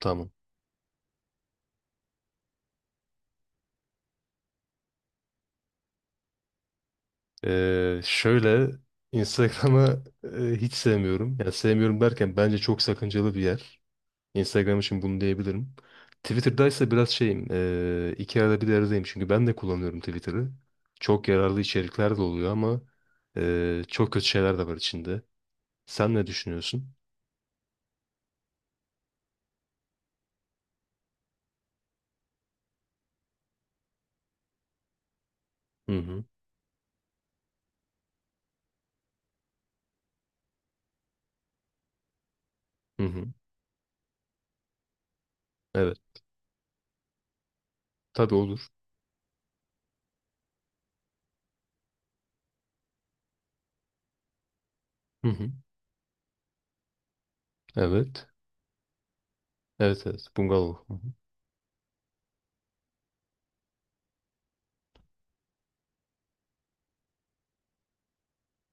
Tamam. Şöyle Instagram'ı hiç sevmiyorum. Yani sevmiyorum derken bence çok sakıncalı bir yer. Instagram için bunu diyebilirim. Twitter'da ise biraz şeyim. İki arada bir aradayım. Çünkü ben de kullanıyorum Twitter'ı. Çok yararlı içerikler de oluyor ama çok kötü şeyler de var içinde. Sen ne düşünüyorsun? Hı hı. Hı hı. Evet. Tabii olur. Hı hı. Evet. Evet evet. Bungalov. Hı hı.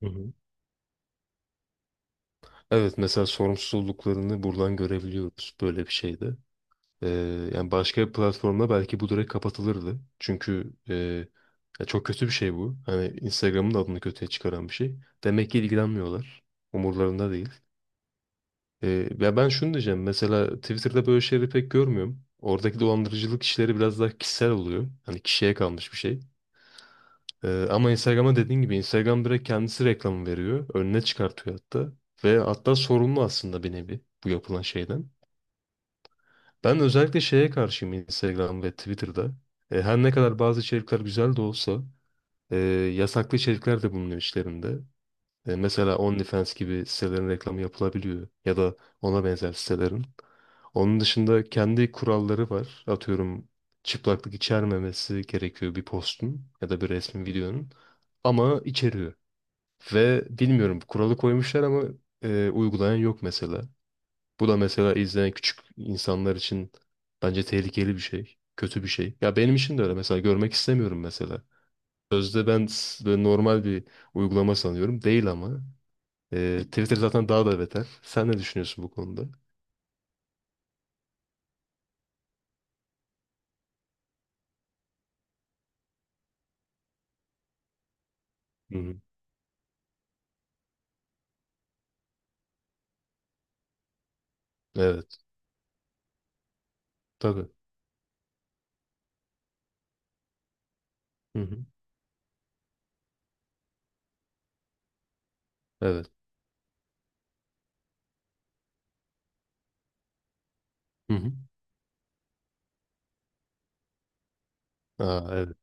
Hı hı. Evet, mesela sorumsuzluklarını buradan görebiliyoruz böyle bir şeyde. Yani başka bir platformda belki bu direkt kapatılırdı. Çünkü ya çok kötü bir şey bu. Hani Instagram'ın da adını kötüye çıkaran bir şey. Demek ki ilgilenmiyorlar. Umurlarında değil. Ya ben şunu diyeceğim. Mesela Twitter'da böyle şeyleri pek görmüyorum. Oradaki dolandırıcılık işleri biraz daha kişisel oluyor. Hani kişiye kalmış bir şey. Ama Instagram'a dediğin gibi Instagram direkt kendisi reklamı veriyor. Önüne çıkartıyor hatta. Ve hatta sorumlu aslında bir nevi bu yapılan şeyden. Ben özellikle şeye karşıyım Instagram ve Twitter'da. Her ne kadar bazı içerikler güzel de olsa e, yasaklı içerikler de bulunuyor içlerinde. Mesela OnlyFans gibi sitelerin reklamı yapılabiliyor ya da ona benzer sitelerin. Onun dışında kendi kuralları var. Atıyorum, çıplaklık içermemesi gerekiyor bir postun ya da bir resmin, videonun, ama içeriyor. Ve bilmiyorum, kuralı koymuşlar ama uygulayan yok mesela. Bu da mesela izleyen küçük insanlar için bence tehlikeli bir şey. Kötü bir şey. Ya benim için de öyle. Mesela görmek istemiyorum mesela. Sözde ben böyle normal bir uygulama sanıyorum. Değil ama. Twitter zaten daha da beter. Sen ne düşünüyorsun bu konuda? Hı hı. Evet. Tabii. Hı hı. Evet. Hı hı. Aa, evet.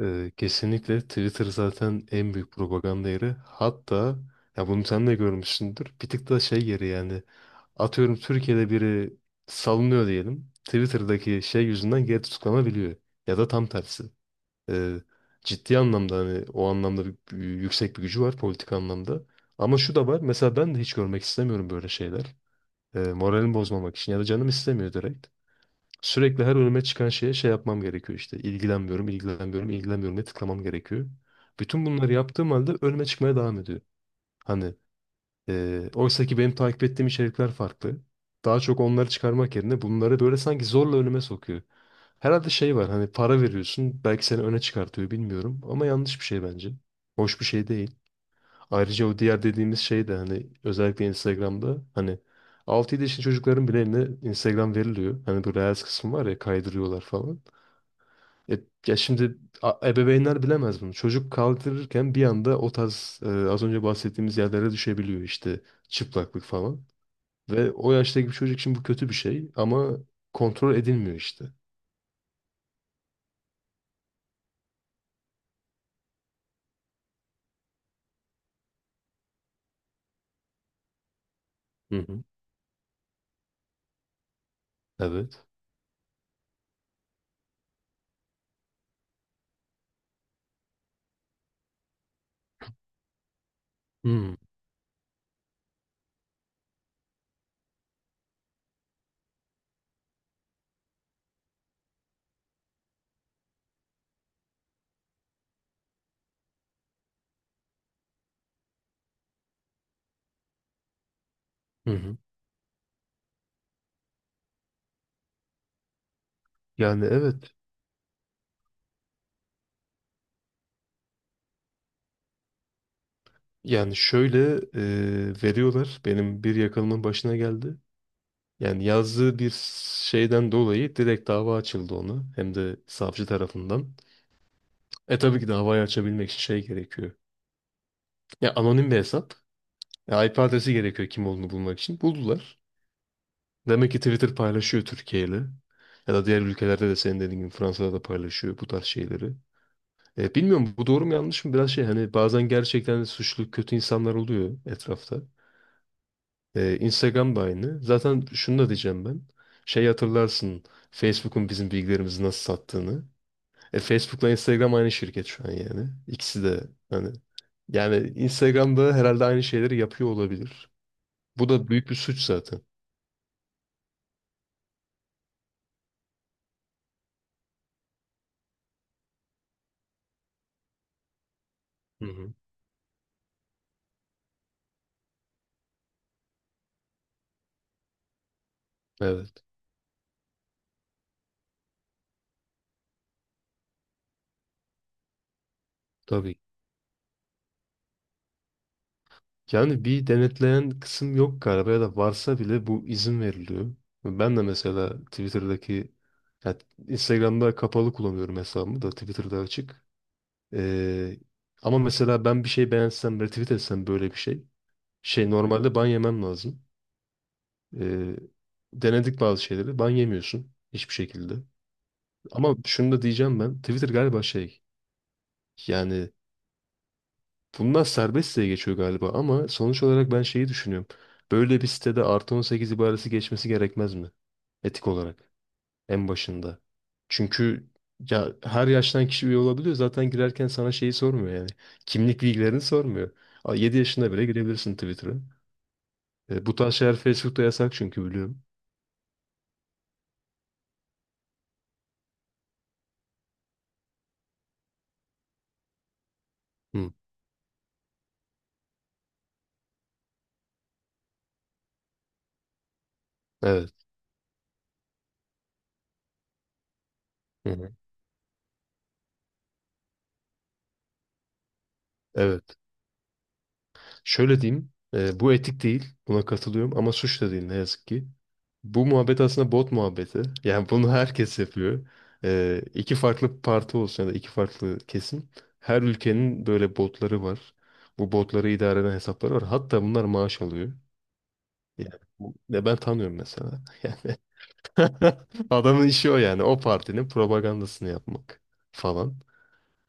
Kesinlikle Twitter zaten en büyük propaganda yeri. Hatta, ya, bunu sen de görmüşsündür. Bir tık da şey yeri yani. Atıyorum, Türkiye'de biri salınıyor diyelim. Twitter'daki şey yüzünden geri tutuklanabiliyor. Ya da tam tersi. Ee, Ciddi anlamda, hani, o anlamda yüksek bir gücü var politik anlamda. Ama şu da var. Mesela ben de hiç görmek istemiyorum böyle şeyler. Moralimi bozmamak için ya da canım istemiyor direkt. Sürekli her önüme çıkan şeye şey yapmam gerekiyor işte. İlgilenmiyorum, ilgilenmiyorum, ilgilenmiyorum diye tıklamam gerekiyor. Bütün bunları yaptığım halde önüme çıkmaya devam ediyor. Hani oysa ki benim takip ettiğim içerikler farklı. Daha çok onları çıkarmak yerine bunları böyle sanki zorla önüme sokuyor. Herhalde şey var, hani, para veriyorsun belki seni öne çıkartıyor, bilmiyorum, ama yanlış bir şey bence. Hoş bir şey değil. Ayrıca o diğer dediğimiz şey de hani özellikle Instagram'da, hani, altı 7 yaşındaki çocukların bile eline Instagram veriliyor. Hani bu Reels kısmı var ya, kaydırıyorlar falan. Ya, ya şimdi ebeveynler bilemez bunu. Çocuk kaldırırken bir anda o tarz, az önce bahsettiğimiz yerlere düşebiliyor işte, çıplaklık falan. Ve o yaştaki bir çocuk için bu kötü bir şey ama kontrol edilmiyor işte. Hı hı. Evet. Hı hı. Hı. Yani evet. Yani şöyle, veriyorlar. Benim bir yakınımın başına geldi. Yani yazdığı bir şeyden dolayı direkt dava açıldı ona. Hem de savcı tarafından. Tabii ki davayı açabilmek için şey gerekiyor. Ya anonim bir hesap. Ya IP adresi gerekiyor kim olduğunu bulmak için. Buldular. Demek ki Twitter paylaşıyor Türkiye ile. Ya da diğer ülkelerde de senin dediğin gibi Fransa'da da paylaşıyor bu tarz şeyleri. Bilmiyorum bu doğru mu yanlış mı, biraz şey, hani bazen gerçekten de suçlu kötü insanlar oluyor etrafta. Instagram da aynı. Zaten şunu da diyeceğim ben. Şey, hatırlarsın Facebook'un bizim bilgilerimizi nasıl sattığını. Facebook'la Instagram aynı şirket şu an yani. İkisi de, hani, yani Instagram'da herhalde aynı şeyleri yapıyor olabilir. Bu da büyük bir suç zaten. Hı hı. Evet, tabii. Yani bir denetleyen kısım yok galiba ya da varsa bile bu izin veriliyor. Ben de mesela Twitter'daki, ya, Instagram'da kapalı kullanıyorum hesabımı da Twitter'da açık. Ee, Ama mesela ben bir şey beğensem, retweet etsem böyle bir şey. Şey, normalde ban yemem lazım. Ee, Denedik bazı şeyleri. Ban yemiyorsun hiçbir şekilde. Ama şunu da diyeceğim ben. Twitter galiba şey yani, bunlar serbest diye geçiyor galiba ama sonuç olarak ben şeyi düşünüyorum. Böyle bir sitede artı 18 ibaresi geçmesi gerekmez mi? Etik olarak en başında. Çünkü ya her yaştan kişi üye olabiliyor. Zaten girerken sana şeyi sormuyor yani. Kimlik bilgilerini sormuyor. A, yedi yaşında bile girebilirsin Twitter'a. Bu tarz şeyler Facebook'ta yasak çünkü biliyorum. Hı, evet. Hı hı. Evet. Şöyle diyeyim, bu etik değil, buna katılıyorum ama suç da değil ne yazık ki. Bu muhabbet aslında bot muhabbeti. Yani bunu herkes yapıyor. İki farklı parti olsun ya da iki farklı kesim. Her ülkenin böyle botları var. Bu botları idare eden hesapları var. Hatta bunlar maaş alıyor. Yani, ya ben tanıyorum mesela. Yani adamın işi o yani. O partinin propagandasını yapmak falan.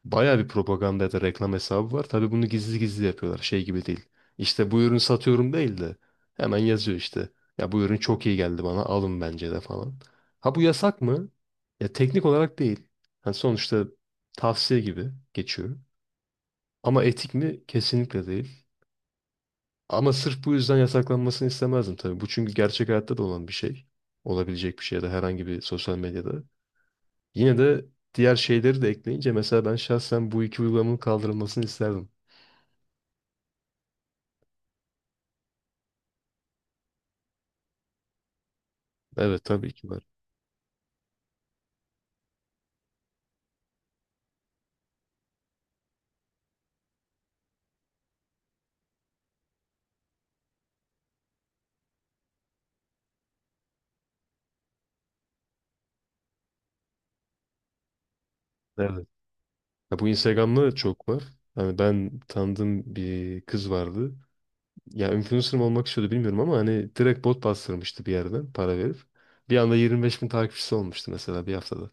Bayağı bir propaganda ya da reklam hesabı var. Tabii bunu gizli gizli yapıyorlar. Şey gibi değil. İşte bu ürünü satıyorum değil de hemen yazıyor işte. Ya, bu ürün çok iyi geldi bana, alın bence de, falan. Ha, bu yasak mı? Ya teknik olarak değil. Yani sonuçta tavsiye gibi geçiyor. Ama etik mi? Kesinlikle değil. Ama sırf bu yüzden yasaklanmasını istemezdim tabii. Bu çünkü gerçek hayatta da olan bir şey. Olabilecek bir şey ya da herhangi bir sosyal medyada. Yine de diğer şeyleri de ekleyince mesela ben şahsen bu iki uygulamanın kaldırılmasını isterdim. Evet tabii ki var. Evet. Ya bu Instagram'da da çok var. Hani ben tanıdığım bir kız vardı. Ya influencer mı olmak istiyordu bilmiyorum ama hani direkt bot bastırmıştı bir yerden para verip. Bir anda 25.000 takipçisi olmuştu mesela bir haftada.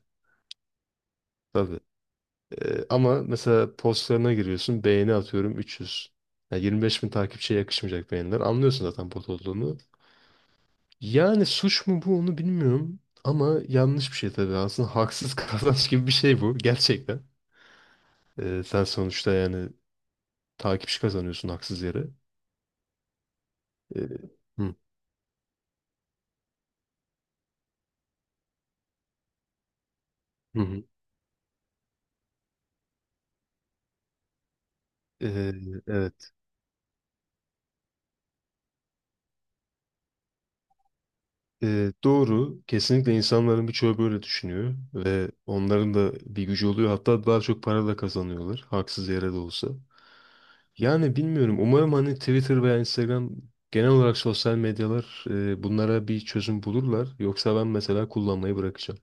Tabii. Ama mesela postlarına giriyorsun, beğeni atıyorum 300. 25.000 takipçiye yakışmayacak beğeniler. Anlıyorsun zaten bot olduğunu. Yani suç mu bu, onu bilmiyorum. Ama yanlış bir şey tabii. Aslında haksız kazanç gibi bir şey bu gerçekten. Sen sonuçta yani... Takipçi kazanıyorsun haksız yere. Ee, hı, hı hı. Ee, evet. Doğru. Kesinlikle insanların birçoğu böyle düşünüyor ve onların da bir gücü oluyor. Hatta daha çok para da kazanıyorlar. Haksız yere de olsa. Yani bilmiyorum. Umarım hani Twitter veya Instagram, genel olarak sosyal medyalar, bunlara bir çözüm bulurlar. Yoksa ben mesela kullanmayı bırakacağım.